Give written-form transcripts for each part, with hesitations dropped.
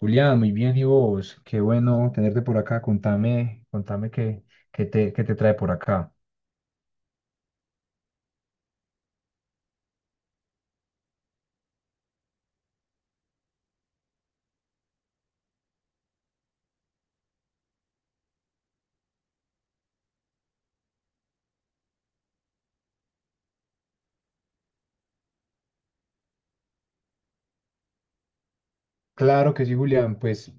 Julián, muy bien, ¿y vos? Qué bueno tenerte por acá. Contame qué te trae por acá. Claro que sí, Julián. Pues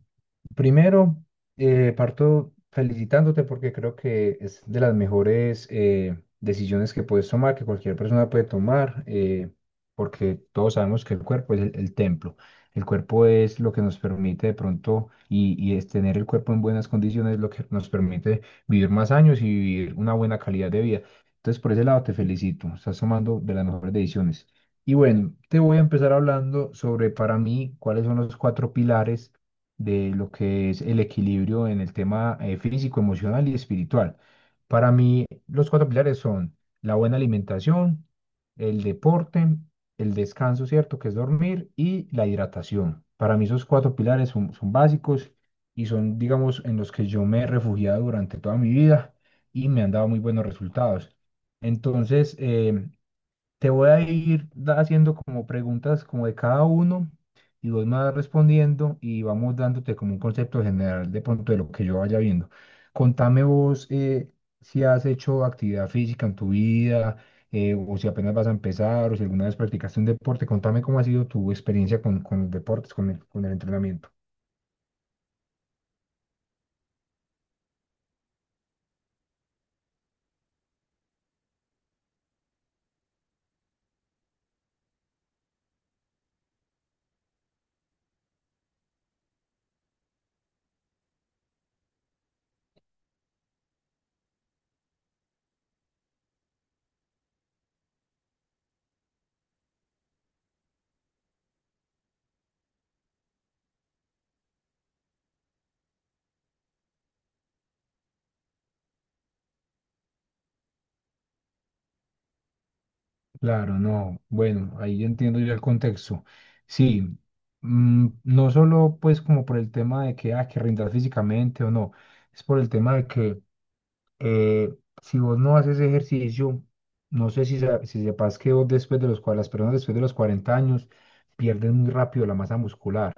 primero, parto felicitándote porque creo que es de las mejores decisiones que puedes tomar, que cualquier persona puede tomar, porque todos sabemos que el cuerpo es el templo. El cuerpo es lo que nos permite de pronto, y es tener el cuerpo en buenas condiciones, lo que nos permite vivir más años y vivir una buena calidad de vida. Entonces, por ese lado te felicito, estás tomando de las mejores decisiones. Y bueno, te voy a empezar hablando sobre para mí cuáles son los cuatro pilares de lo que es el equilibrio en el tema físico, emocional y espiritual. Para mí, los cuatro pilares son la buena alimentación, el deporte, el descanso, ¿cierto? Que es dormir y la hidratación. Para mí esos cuatro pilares son básicos y son, digamos, en los que yo me he refugiado durante toda mi vida y me han dado muy buenos resultados. Entonces, te voy a ir haciendo como preguntas como de cada uno y vos me vas respondiendo y vamos dándote como un concepto general de pronto de lo que yo vaya viendo. Contame vos si has hecho actividad física en tu vida, o si apenas vas a empezar o si alguna vez practicaste un deporte. Contame cómo ha sido tu experiencia con los deportes, con el entrenamiento. Claro, no. Bueno, ahí ya entiendo yo el contexto. Sí, no solo pues como por el tema de que, que rindas físicamente o no, es por el tema de que eh, si vos no haces ejercicio, no sé si sepas que vos después de las personas después de los 40 años pierden muy rápido la masa muscular.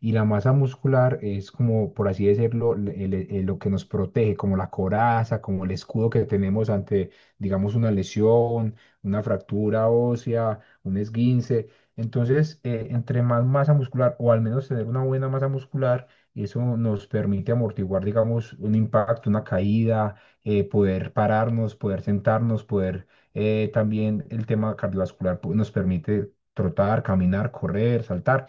Y la masa muscular es como, por así decirlo, lo que nos protege, como la coraza, como el escudo que tenemos ante, digamos, una lesión, una fractura ósea, un esguince. Entonces, entre más masa muscular o al menos tener una buena masa muscular, eso nos permite amortiguar, digamos, un impacto, una caída, poder pararnos, poder sentarnos, poder también el tema cardiovascular pues, nos permite trotar, caminar, correr, saltar.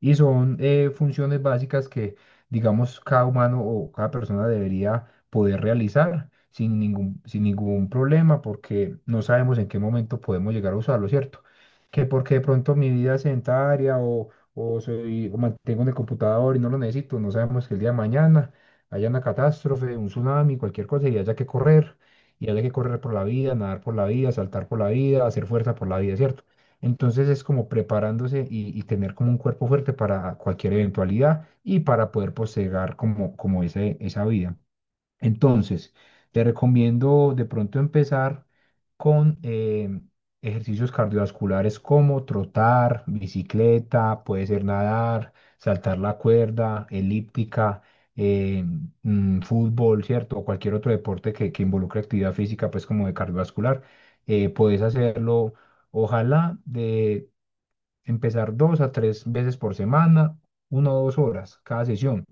Y son funciones básicas que, digamos, cada humano o cada persona debería poder realizar sin ningún problema porque no sabemos en qué momento podemos llegar a usarlo, ¿cierto? Que porque de pronto mi vida es sedentaria o o mantengo en el computador y no lo necesito, no sabemos que el día de mañana haya una catástrofe, un tsunami, cualquier cosa y haya que correr, y haya que correr por la vida, nadar por la vida, saltar por la vida, hacer fuerza por la vida, ¿cierto? Entonces es como preparándose y tener como un cuerpo fuerte para cualquier eventualidad y para poder posegar como, como esa vida. Entonces, te recomiendo de pronto empezar con ejercicios cardiovasculares como trotar, bicicleta, puede ser nadar, saltar la cuerda, elíptica, eh, fútbol, ¿cierto? O cualquier otro deporte que involucre actividad física, pues como de cardiovascular. Puedes hacerlo, ojalá, empezar 2 a 3 veces por semana, 1 o 2 horas cada sesión.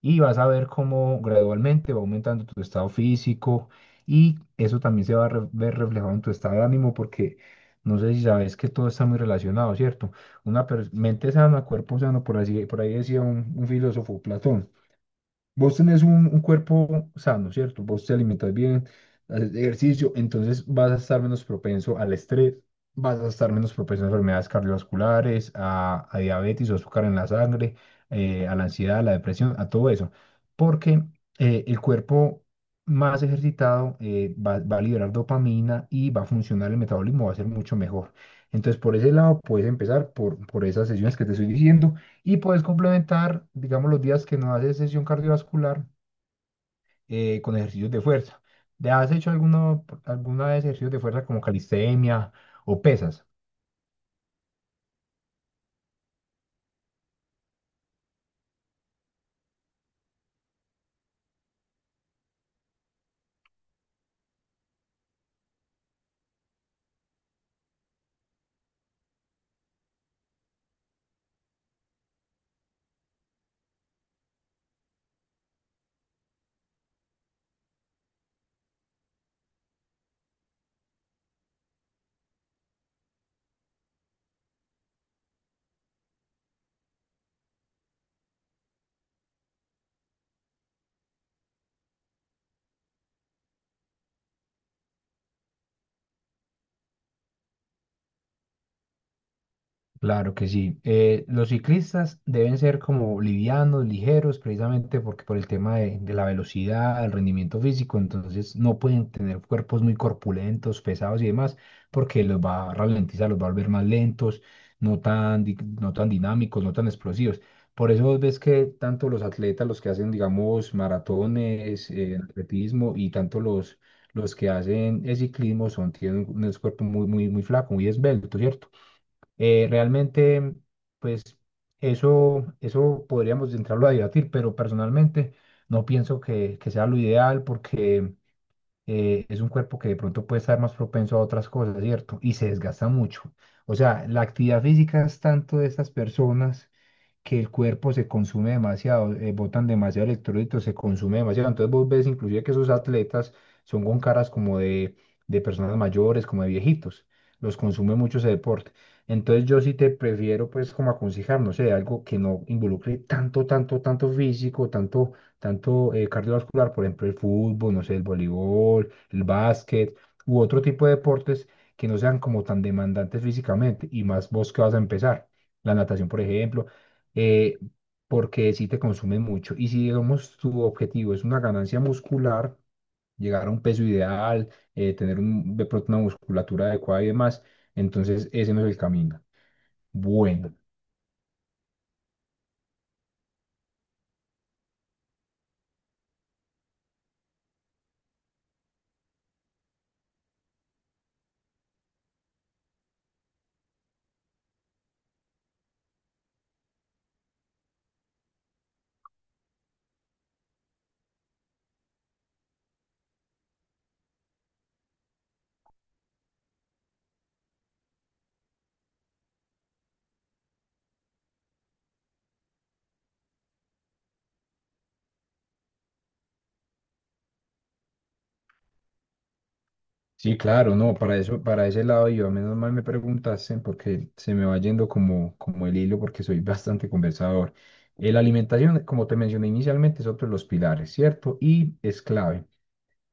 Y vas a ver cómo gradualmente va aumentando tu estado físico y eso también se va a ver reflejado en tu estado de ánimo porque no sé si sabes que todo está muy relacionado, ¿cierto? Una mente sana, cuerpo sano, por así, por ahí decía un filósofo, Platón. Vos tenés un cuerpo sano, ¿cierto? Vos te alimentas bien, haces ejercicio, entonces vas a estar menos propenso al estrés, vas a estar menos propenso a enfermedades cardiovasculares, a diabetes o azúcar en la sangre, a la ansiedad, a la depresión, a todo eso. Porque el cuerpo más ejercitado va a liberar dopamina y va a funcionar el metabolismo, va a ser mucho mejor. Entonces, por ese lado, puedes empezar por esas sesiones que te estoy diciendo y puedes complementar, digamos, los días que no haces sesión cardiovascular con ejercicios de fuerza. ¿Te has hecho alguna vez ejercicios de fuerza como calistenia o pesas? Claro que sí. Los ciclistas deben ser como livianos, ligeros, precisamente porque por el tema de la velocidad, el rendimiento físico, entonces no pueden tener cuerpos muy corpulentos, pesados y demás, porque los va a ralentizar, los va a volver más lentos, no tan dinámicos, no tan explosivos. Por eso vos ves que tanto los atletas, los que hacen, digamos, maratones, atletismo y tanto los que hacen ciclismo son, tienen un cuerpo muy, muy, muy flaco, muy esbelto, ¿cierto? Realmente, pues eso podríamos entrarlo a debatir, pero personalmente no pienso que sea lo ideal porque es un cuerpo que de pronto puede estar más propenso a otras cosas, ¿cierto? Y se desgasta mucho. O sea, la actividad física es tanto de estas personas que el cuerpo se consume demasiado, botan demasiado electrolitos, se consume demasiado. Entonces vos ves inclusive que esos atletas son con caras como de personas mayores, como de viejitos. Los consume mucho ese deporte. Entonces yo sí te prefiero pues como aconsejar, no sé, algo que no involucre tanto físico, tanto cardiovascular, por ejemplo el fútbol, no sé, el voleibol, el básquet u otro tipo de deportes que no sean como tan demandantes físicamente y más vos que vas a empezar. La natación, por ejemplo, eh, porque sí te consume mucho. Y si, digamos, tu objetivo es una ganancia muscular, llegar a un peso ideal, de pronto una musculatura adecuada y demás, entonces ese no es el camino. Bueno, sí, claro, no, para eso, para ese lado yo, menos mal me preguntaste porque se me va yendo como, como el hilo porque soy bastante conversador. La alimentación, como te mencioné inicialmente, es otro de los pilares, ¿cierto? Y es clave.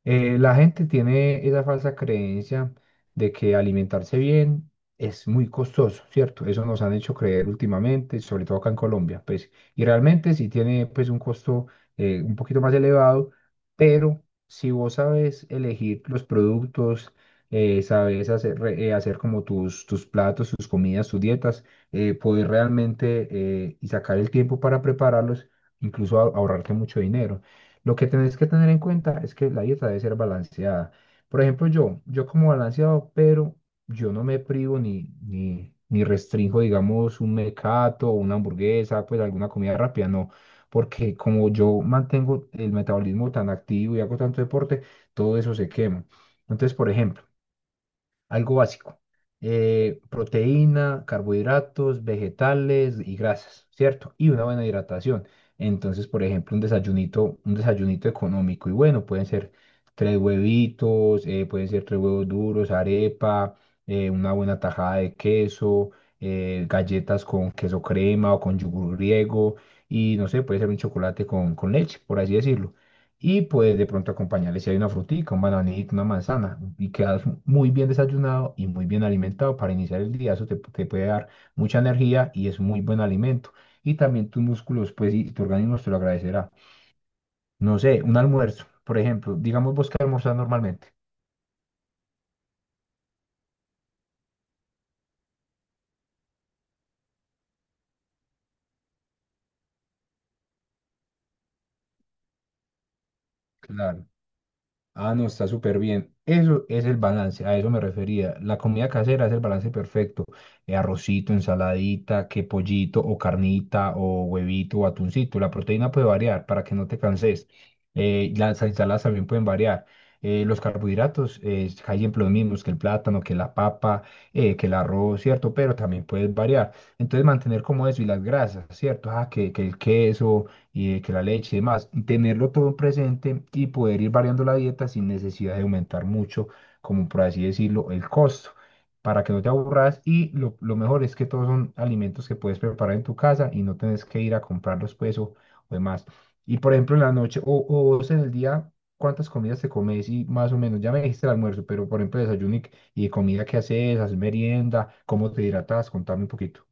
La gente tiene esa falsa creencia de que alimentarse bien es muy costoso, ¿cierto? Eso nos han hecho creer últimamente, sobre todo acá en Colombia, pues, y realmente sí tiene pues un costo un poquito más elevado, pero si vos sabes elegir los productos, sabes hacer como tus, tus platos, tus comidas, tus dietas, poder realmente y sacar el tiempo para prepararlos, incluso ahorrarte mucho dinero. Lo que tenés que tener en cuenta es que la dieta debe ser balanceada. Por ejemplo, yo como balanceado, pero yo no me privo ni restringo, digamos, un mecato, una hamburguesa, pues alguna comida rápida, no. Porque como yo mantengo el metabolismo tan activo y hago tanto deporte, todo eso se quema. Entonces, por ejemplo, algo básico. Proteína, carbohidratos, vegetales y grasas, ¿cierto? Y una buena hidratación. Entonces, por ejemplo, un desayunito económico y bueno, pueden ser tres huevitos, pueden ser tres huevos duros, arepa, una buena tajada de queso, galletas con queso crema o con yogur griego y no sé, puede ser un chocolate con leche, por así decirlo. Y pues de pronto acompañarle si hay una frutica, un bananito, una manzana. Y quedas muy bien desayunado y muy bien alimentado para iniciar el día. Eso te puede dar mucha energía y es muy buen alimento. Y también tus músculos, pues, y tu organismo te lo agradecerá. No sé, un almuerzo, por ejemplo. Digamos vos que almorzás normalmente. Claro. Ah, no, está súper bien. Eso es el balance, a eso me refería. La comida casera es el balance perfecto. Arrocito, ensaladita, que pollito o carnita o huevito o atuncito. La proteína puede variar para que no te canses. Las ensaladas también pueden variar. Los carbohidratos, hay siempre los mismos que el plátano, que la papa, que el arroz, ¿cierto? Pero también puedes variar. Entonces mantener como eso y las grasas, ¿cierto? Ah, que el queso y de que la leche y demás, y tenerlo todo presente y poder ir variando la dieta sin necesidad de aumentar mucho, como por así decirlo, el costo, para que no te aburras y lo mejor es que todos son alimentos que puedes preparar en tu casa y no tienes que ir a comprarlos pues o demás. Y por ejemplo en la noche o vos en el día, ¿cuántas comidas te comes? Y más o menos, ya me dijiste el almuerzo, pero por ejemplo y comida que haces, haces merienda, ¿cómo te hidratas? Contame un poquito.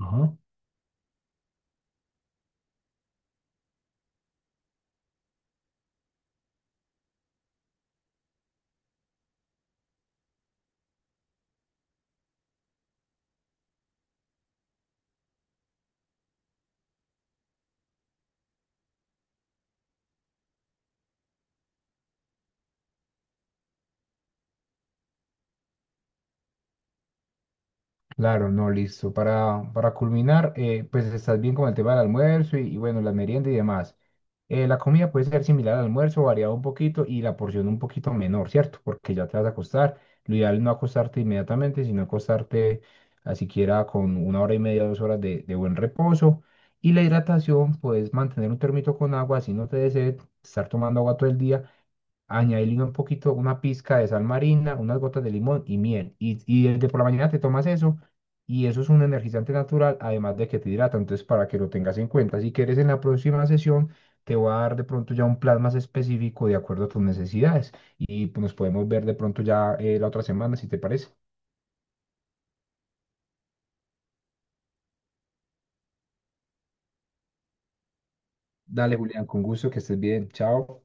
Ajá. Claro, no, listo. Para culminar, pues estás bien con el tema del almuerzo y bueno, la merienda y demás. La comida puede ser similar al almuerzo, variado un poquito y la porción un poquito menor, ¿cierto? Porque ya te vas a acostar. Lo ideal es no acostarte inmediatamente, sino acostarte a siquiera con 1 hora y media, 2 horas de buen reposo. Y la hidratación, puedes mantener un termito con agua, si no te desea estar tomando agua todo el día añadirle un poquito, una pizca de sal marina, unas gotas de limón y miel. Y desde por la mañana te tomas eso y eso es un energizante natural, además de que te hidrata. Entonces, para que lo tengas en cuenta, si quieres en la próxima sesión, te voy a dar de pronto ya un plan más específico de acuerdo a tus necesidades y pues, nos podemos ver de pronto ya la otra semana, si te parece. Dale, Julián, con gusto, que estés bien. Chao.